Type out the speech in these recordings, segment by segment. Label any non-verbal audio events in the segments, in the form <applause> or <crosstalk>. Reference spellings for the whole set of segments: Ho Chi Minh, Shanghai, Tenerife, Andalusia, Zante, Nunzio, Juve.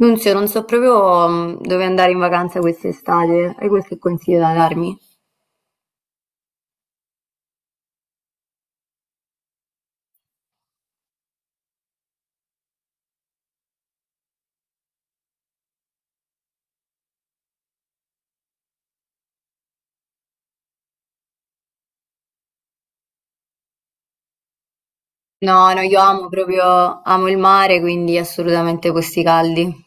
Nunzio, non so proprio dove andare in vacanza quest'estate. Hai qualche consiglio da darmi? No, no, io amo proprio, amo il mare, quindi assolutamente questi caldi.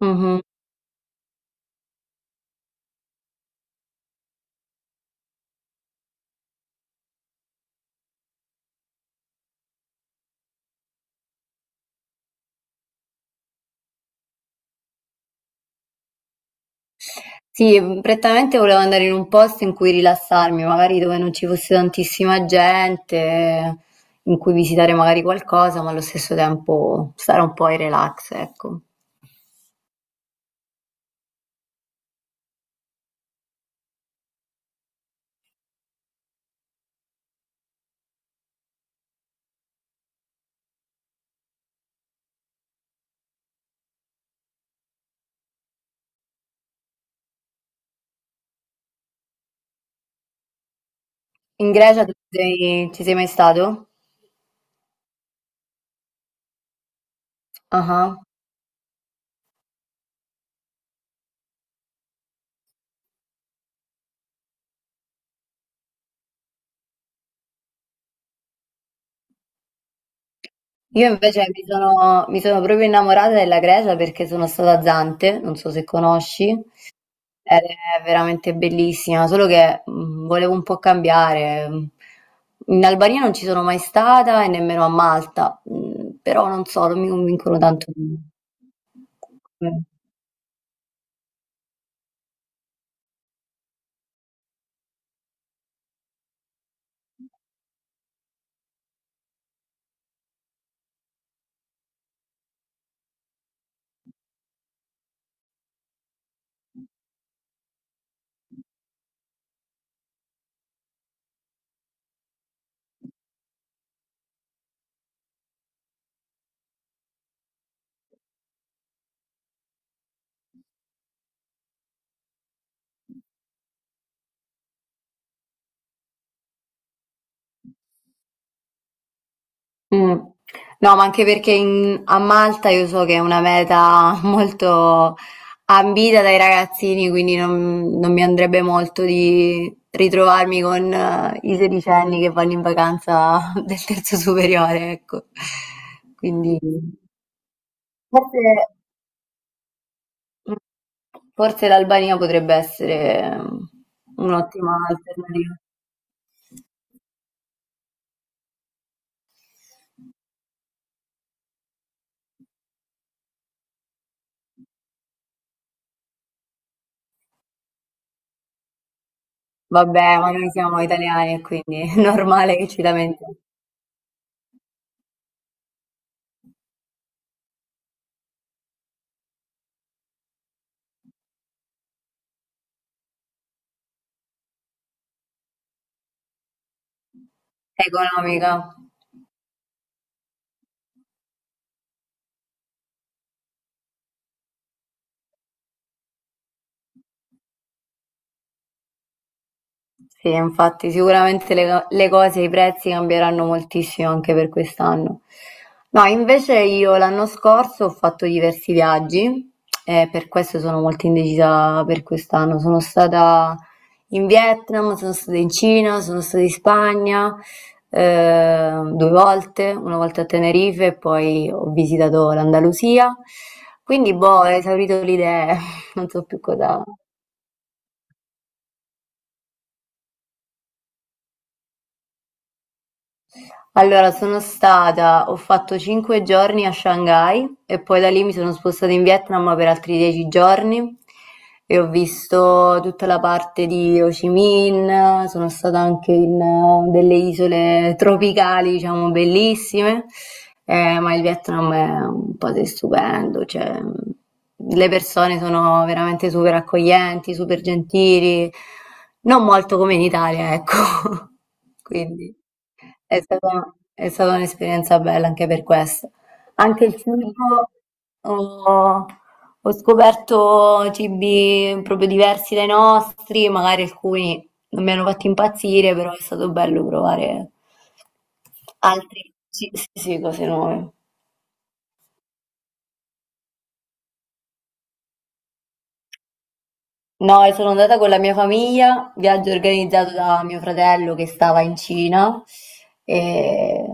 Mhm. Sì, prettamente volevo andare in un posto in cui rilassarmi, magari dove non ci fosse tantissima gente, in cui visitare magari qualcosa, ma allo stesso tempo stare un po' in relax, ecco. In Grecia tu ci sei mai stato? Ah ah. Io invece mi sono proprio innamorata della Grecia perché sono stata a Zante, non so se conosci, ed è veramente bellissima, solo che volevo un po' cambiare. In Albania non ci sono mai stata e nemmeno a Malta, però non so, non mi convincono tanto. Mm. Mm. No, ma anche perché a Malta io so che è una meta <laughs> molto ambita dai ragazzini, quindi non, non mi andrebbe molto di ritrovarmi con i sedicenni che vanno in vacanza <laughs> del terzo superiore, ecco. Quindi forse, forse l'Albania potrebbe essere un'ottima alternativa. Vabbè, ma noi siamo italiani e quindi <laughs> è normale che ci lamentiamo. Economica. Sì, infatti sicuramente le cose, i prezzi cambieranno moltissimo anche per quest'anno. No, invece io l'anno scorso ho fatto diversi viaggi e per questo sono molto indecisa per quest'anno. Sono stata in Vietnam, sono stata in Cina, sono stata in Spagna due volte, una volta a Tenerife e poi ho visitato l'Andalusia. Quindi, boh, ho esaurito le idee, <laughs> non so più cosa. Allora sono stata ho fatto 5 giorni a Shanghai e poi da lì mi sono spostata in Vietnam per altri 10 giorni e ho visto tutta la parte di Ho Chi Minh, sono stata anche in delle isole tropicali, diciamo, bellissime, ma il Vietnam è un paese stupendo, cioè le persone sono veramente super accoglienti, super gentili, non molto come in Italia, ecco. <laughs> Quindi. È stata un'esperienza bella anche per questo. Anche il cibo, ho, ho scoperto cibi proprio diversi dai nostri, magari alcuni non mi hanno fatto impazzire, però è stato bello provare altri sì, sì, cose nuove. No, e sono andata con la mia famiglia, viaggio organizzato da mio fratello che stava in Cina, e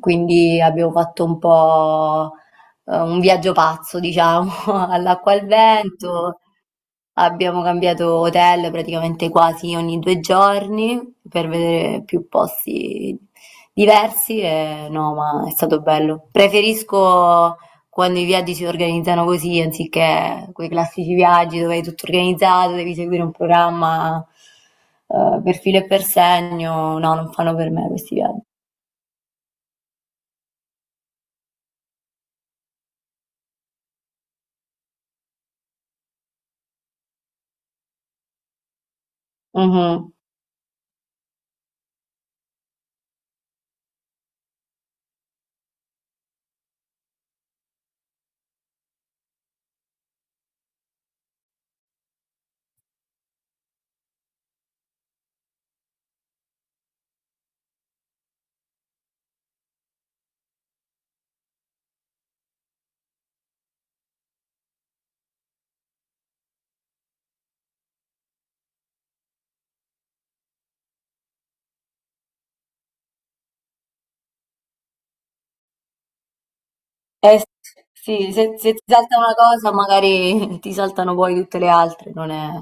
quindi abbiamo fatto un po' un viaggio pazzo, diciamo, <laughs> all'acqua e al vento. Abbiamo cambiato hotel praticamente quasi ogni 2 giorni per vedere più posti diversi e no, ma è stato bello. Preferisco quando i viaggi si organizzano così, anziché quei classici viaggi dove hai tutto organizzato, devi seguire un programma per filo e per segno, no, non fanno per me questi viaggi. Mhm. Eh, sì, se ti salta una cosa magari <laughs> ti saltano poi tutte le altre, non è.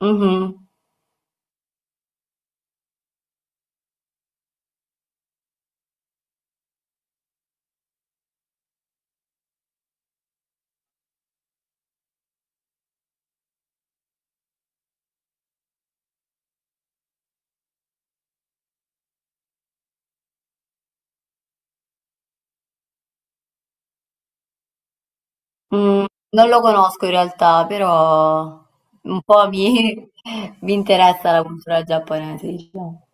Mhm. Mm, non lo conosco in realtà, però un po' mi, <laughs> mi interessa la cultura giapponese, diciamo.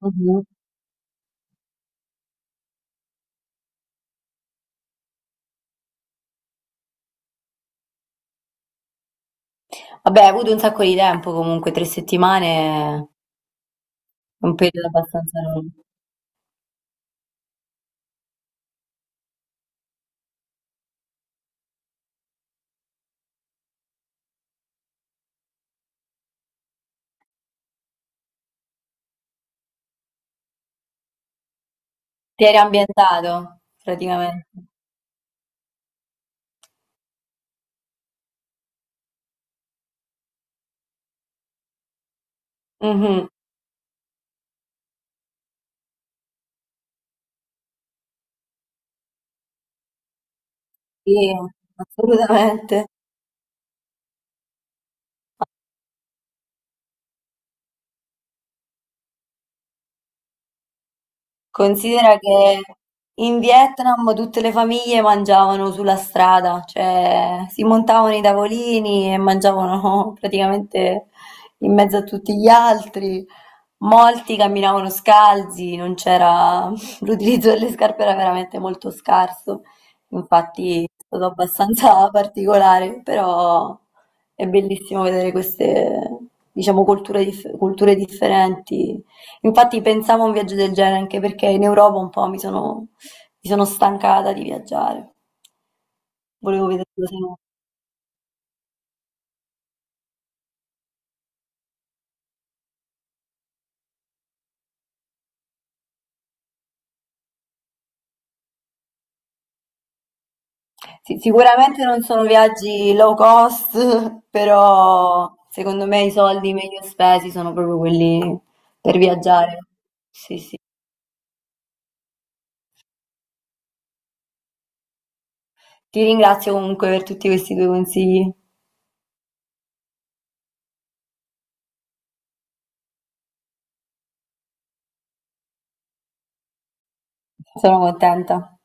Mhm. Vabbè, hai avuto un sacco di tempo comunque, 3 settimane. Un periodo abbastanza lungo. Ti eri ambientato, praticamente. Mhm, sì, assolutamente. Considera che in Vietnam tutte le famiglie mangiavano sulla strada, cioè si montavano i tavolini e mangiavano <laughs> praticamente in mezzo a tutti gli altri. Molti camminavano scalzi, non c'era <laughs> l'utilizzo delle scarpe era veramente molto scarso, infatti è stato abbastanza <laughs> particolare, però è bellissimo vedere queste, diciamo, culture, culture differenti. Infatti pensavo a un viaggio del genere anche perché in Europa un po' mi sono stancata di viaggiare. Volevo vedere cose. Sì, sicuramente non sono viaggi low cost, <laughs> però secondo me i soldi meglio spesi sono proprio quelli per viaggiare. Sì, sì. Ti ringrazio comunque per tutti questi tuoi consigli. Sono contenta.